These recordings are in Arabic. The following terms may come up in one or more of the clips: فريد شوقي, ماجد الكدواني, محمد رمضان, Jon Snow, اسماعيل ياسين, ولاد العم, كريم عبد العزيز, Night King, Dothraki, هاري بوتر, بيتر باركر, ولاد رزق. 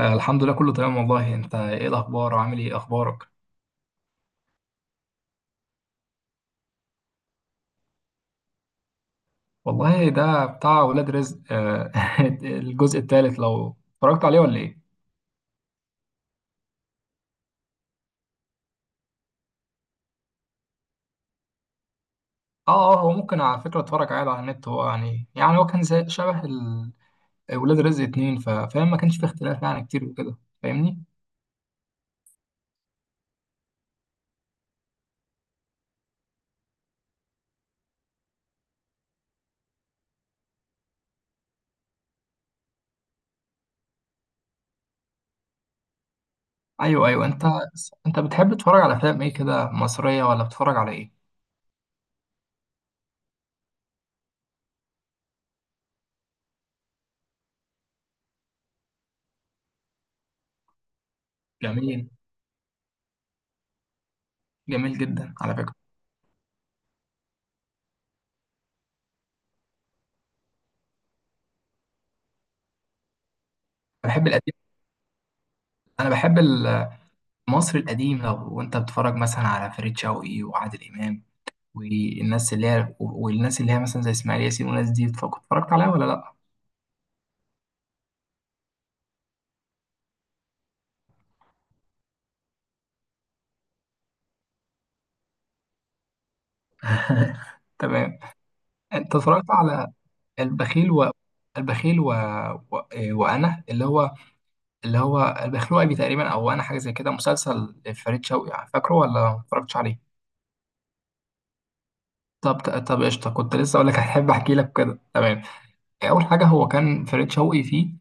الحمد لله، كله تمام والله. انت ايه الاخبار وعامل ايه، اخبارك؟ والله ده بتاع ولاد رزق، الجزء الثالث لو اتفرجت عليه ولا ايه؟ اه هو ممكن على فكره اتفرج عادي على النت. هو يعني هو كان زي شبه ولاد رزق اتنين. فاهم، ما كانش فيه اختلاف يعني كتير وكده. فاهمني؟ ايوه. انت بتحب تتفرج على افلام ايه كده، مصريه ولا بتتفرج على ايه؟ جميل جميل جدا على فكره. أنا بحب القديم، انا بحب المصري القديم. لو وانت بتتفرج مثلا على فريد شوقي وعادل امام، والناس اللي هي مثلا زي اسماعيل ياسين، والناس دي اتفرجت عليها ولا لا؟ تمام. انت اتفرجت على البخيل و البخيل و... و... آه، وانا اللي هو البخيل وابي تقريبا، او انا حاجه زي كده، مسلسل فريد شوقي، فاكره ولا ما اتفرجتش عليه؟ طب طب قشطه، كنت لسه اقول لك، هحب احكي لك كده تمام. اول حاجه، هو كان فريد شوقي فيه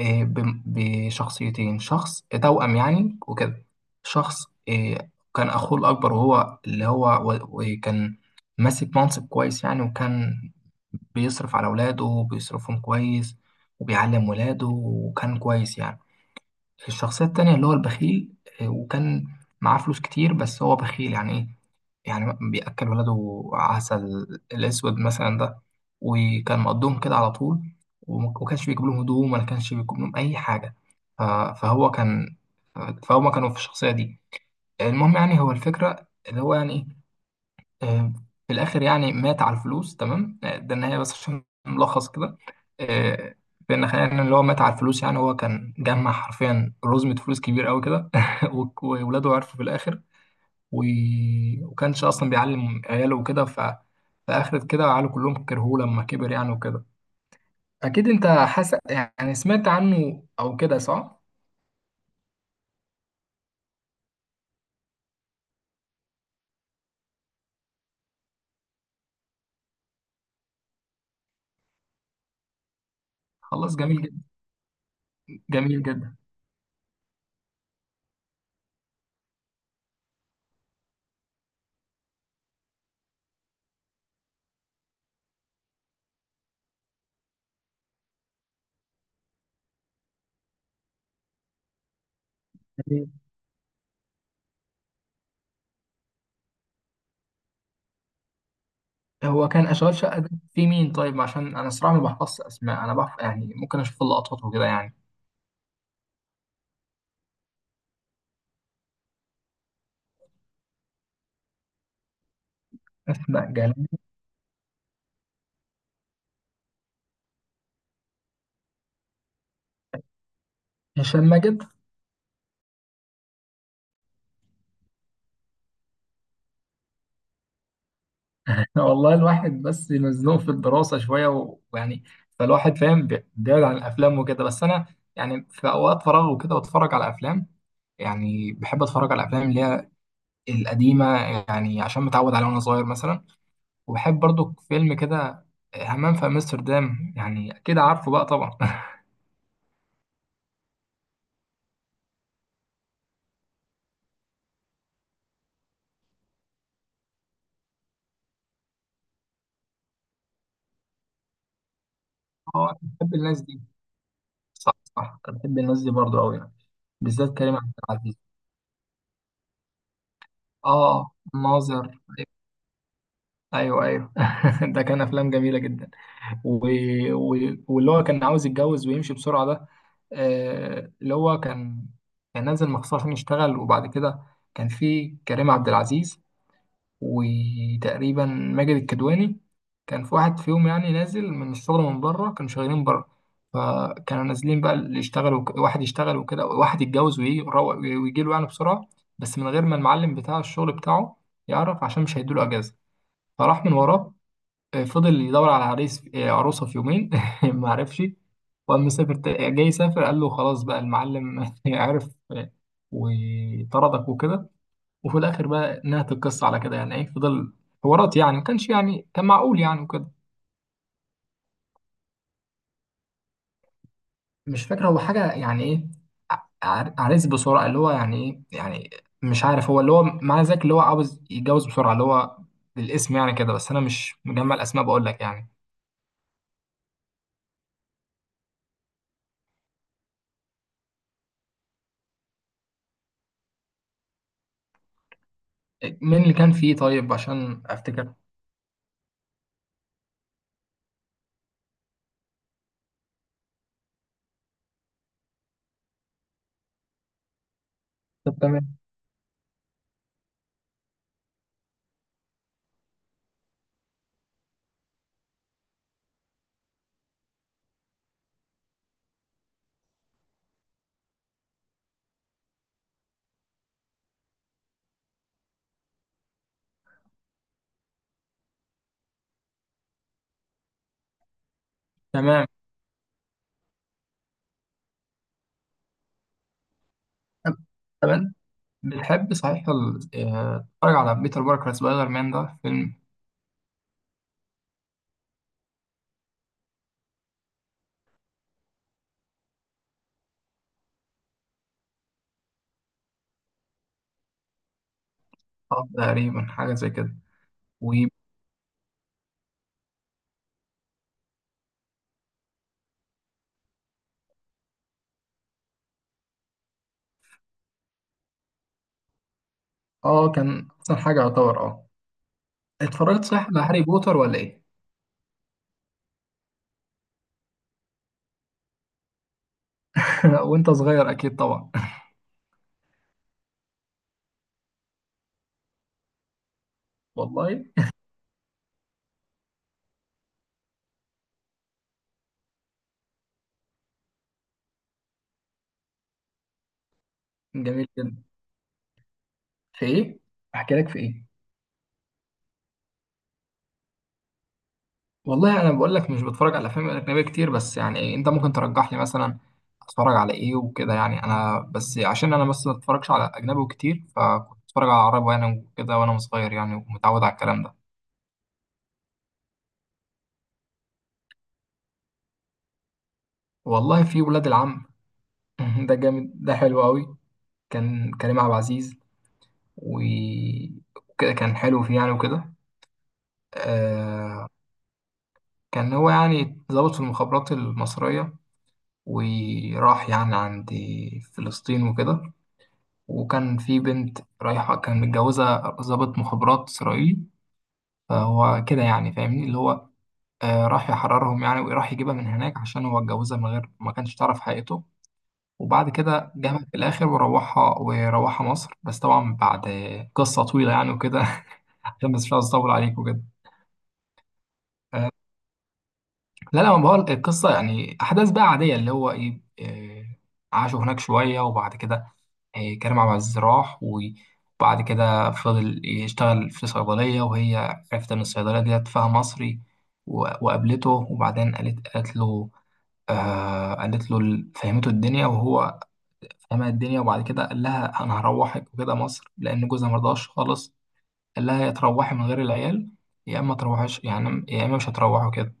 بشخصيتين، شخص توأم يعني وكده. شخص، كان أخوه الأكبر وهو اللي هو و- وكان ماسك منصب كويس يعني، وكان بيصرف على ولاده وبيصرفهم كويس، وبيعلم ولاده، وكان كويس يعني. الشخصية التانية اللي هو البخيل، وكان معاه فلوس كتير بس هو بخيل. يعني إيه يعني؟ بيأكل ولاده عسل الأسود مثلا ده، وكان مقضيهم كده على طول، وما كانش بيجيب لهم هدوم، ولا كانش بيجيب لهم أي حاجة. ف- فهو كان، فهما كانوا في الشخصية دي. المهم يعني، هو الفكرة اللي هو يعني إيه، آه، في الآخر يعني مات على الفلوس، تمام؟ ده النهاية بس عشان ملخص كده، آه، بأن خلينا اللي هو مات على الفلوس. يعني هو كان جمع حرفيا رزمة فلوس كبير قوي كده وولاده عرفوا في الآخر و... وكانش اصلا بيعلم عياله وكده. ف فاخرت كده عياله كلهم كرهوه لما كبر يعني وكده. اكيد انت حاسس يعني، سمعت عنه او كده، صح؟ خلاص، جميل جدا. جميل جدا. هو كان اشغال شقه ده في مين طيب، عشان انا صراحه ما بحفظش اسماء، انا بحف يعني ممكن اشوف اللقطات وكده يعني. اسماء جلال. هشام ماجد. والله الواحد بس مزنوق في الدراسه شويه ويعني، فالواحد فاهم، بيبعد عن الافلام وكده، بس انا يعني في اوقات فراغ وكده بتفرج على افلام. يعني بحب اتفرج على الافلام اللي هي القديمه، يعني عشان متعود عليها وانا صغير مثلا. وبحب برضو فيلم كده همام في امستردام، يعني اكيد عارفه بقى طبعا. اه، أنا بحب الناس دي. صح، أنا بحب الناس دي برضو قوي يعني. بالذات كريم عبد العزيز. اه، ناظر. ايوه ايوه. ده كان افلام جميله جدا. و... و... واللي هو كان عاوز يتجوز ويمشي بسرعه ده، اللي هو كان، كان نازل مخصوص عشان يشتغل، وبعد كده كان في كريم عبد العزيز وتقريبا ماجد الكدواني. كان في واحد فيهم يعني نازل من الشغل، من بره، كانوا شغالين بره، فكانوا نازلين بقى اللي يشتغل واحد يشتغل وكده، واحد يتجوز ويجي، ويجي له يعني بسرعة، بس من غير ما المعلم بتاع الشغل بتاعه يعرف، عشان مش هيدوله أجازة، فراح من وراه. فضل يدور على عريس، عروسة في يومين ما عرفش، وقام مسافر، جاي يسافر قال له خلاص بقى، المعلم عرف وطردك وكده. وفي الاخر بقى نهت القصه على كده. يعني ايه، فضل حوارات يعني. ما كانش يعني كان معقول يعني وكده. مش فاكر هو حاجه يعني ايه، عريس بسرعه اللي هو يعني، ايه يعني، مش عارف، هو اللي هو معنى ذلك اللي هو عاوز يتجوز بسرعه اللي هو، بالاسم يعني كده، بس انا مش مجمع الاسماء بقول لك يعني. مين اللي كان فيه طيب عشان افتكر؟ طب تمام تمام. بتحب صحيح تتفرج على بيتر باركر، سبايدر مان ده فيلم؟ تقريبا حاجه زي كده. و اه كان احسن حاجه يعتبر، اه. اتفرجت صح على هاري بوتر ولا ايه؟ لا، وانت صغير اكيد طبعا. والله. جميل جدا. في ايه؟ احكي لك في ايه؟ والله انا بقول لك مش بتفرج على افلام اجنبيه كتير، بس يعني إيه، انت ممكن ترجح لي مثلا اتفرج على ايه وكده يعني. انا بس عشان انا بس ما اتفرجش على اجنبي كتير، فكنت بتفرج على عربي وانا كده وانا صغير يعني، ومتعود على الكلام ده. والله في ولاد العم ده جامد، ده حلو قوي. كان كريم عبد العزيز و- وكده، كان حلو فيه يعني وكده. آه، كان هو يعني ضابط في المخابرات المصرية، وراح يعني عند فلسطين وكده، وكان في بنت رايحة كان متجوزة ضابط مخابرات إسرائيلي، فهو كده يعني فاهمني، اللي هو راح يحررهم يعني، وراح يجيبها من هناك عشان هو اتجوزها من غير ما كانش تعرف حقيقته. وبعد كده جابها في الآخر وروحها، وروحها مصر، بس طبعا بعد قصة طويلة يعني وكده. عشان بس مش عاوز أطول عليك وكده. لا لا، ما بقول القصة يعني، أحداث بقى عادية، اللي هو إيه، عاشوا هناك شوية، وبعد كده كريم عبد العزيز راح، وبعد كده فضل يشتغل في صيدلية، وهي عرفت إن الصيدلية ديت فيها مصري، و- وقابلته وبعدين قالت له، آه قالت له فهمته الدنيا، وهو فهمها الدنيا، وبعد كده قال لها أنا هروحك وكده مصر، لأن جوزها مرضاش خالص. قال لها يا تروحي من غير العيال، يا إما تروحيش يعني، يا إما مش هتروحوا كده.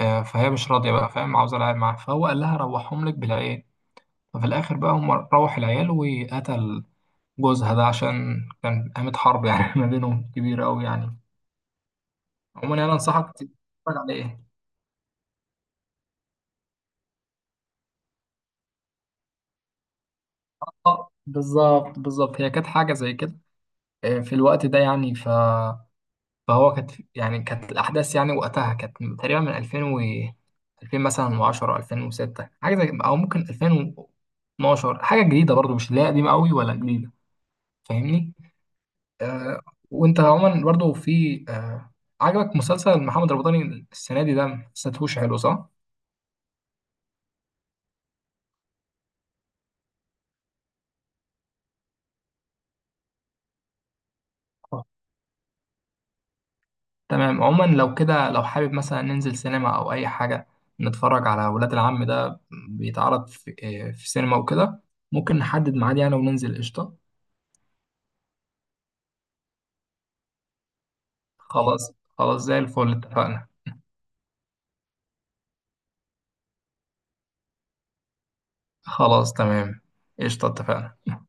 فهي مش راضية بقى، فاهم، عاوزة العيال معاها، فهو قال لها روحهم لك بالعيال. ففي الآخر بقى هم روح العيال، وقتل جوزها ده، عشان كان قامت حرب يعني ما بينهم كبيرة أوي يعني. عموما أنا أنصحك تتفرج عليه. بالظبط، هي كانت حاجة زي كده، في الوقت ده يعني. فهو كانت يعني، كانت الأحداث يعني وقتها كانت من- تقريبا من 2000 و 2000 مثلا و10 2006، حاجة زي، أو ممكن 2012. حاجة جديدة برضو، مش لا قديمة أوي ولا جديدة، فاهمني؟ آه، وانت عموما برضو في عجبك مسلسل محمد رمضان السنه دي، ده ما حسيتهوش حلو، صح؟ آه. تمام. عموما لو كده، لو حابب مثلا ننزل سينما او اي حاجه، نتفرج على ولاد العم ده، بيتعرض في سينما وكده، ممكن نحدد ميعاد يعني وننزل، قشطه. خلاص زي الفل، اتفقنا. خلاص تمام، قشطه، اتفقنا.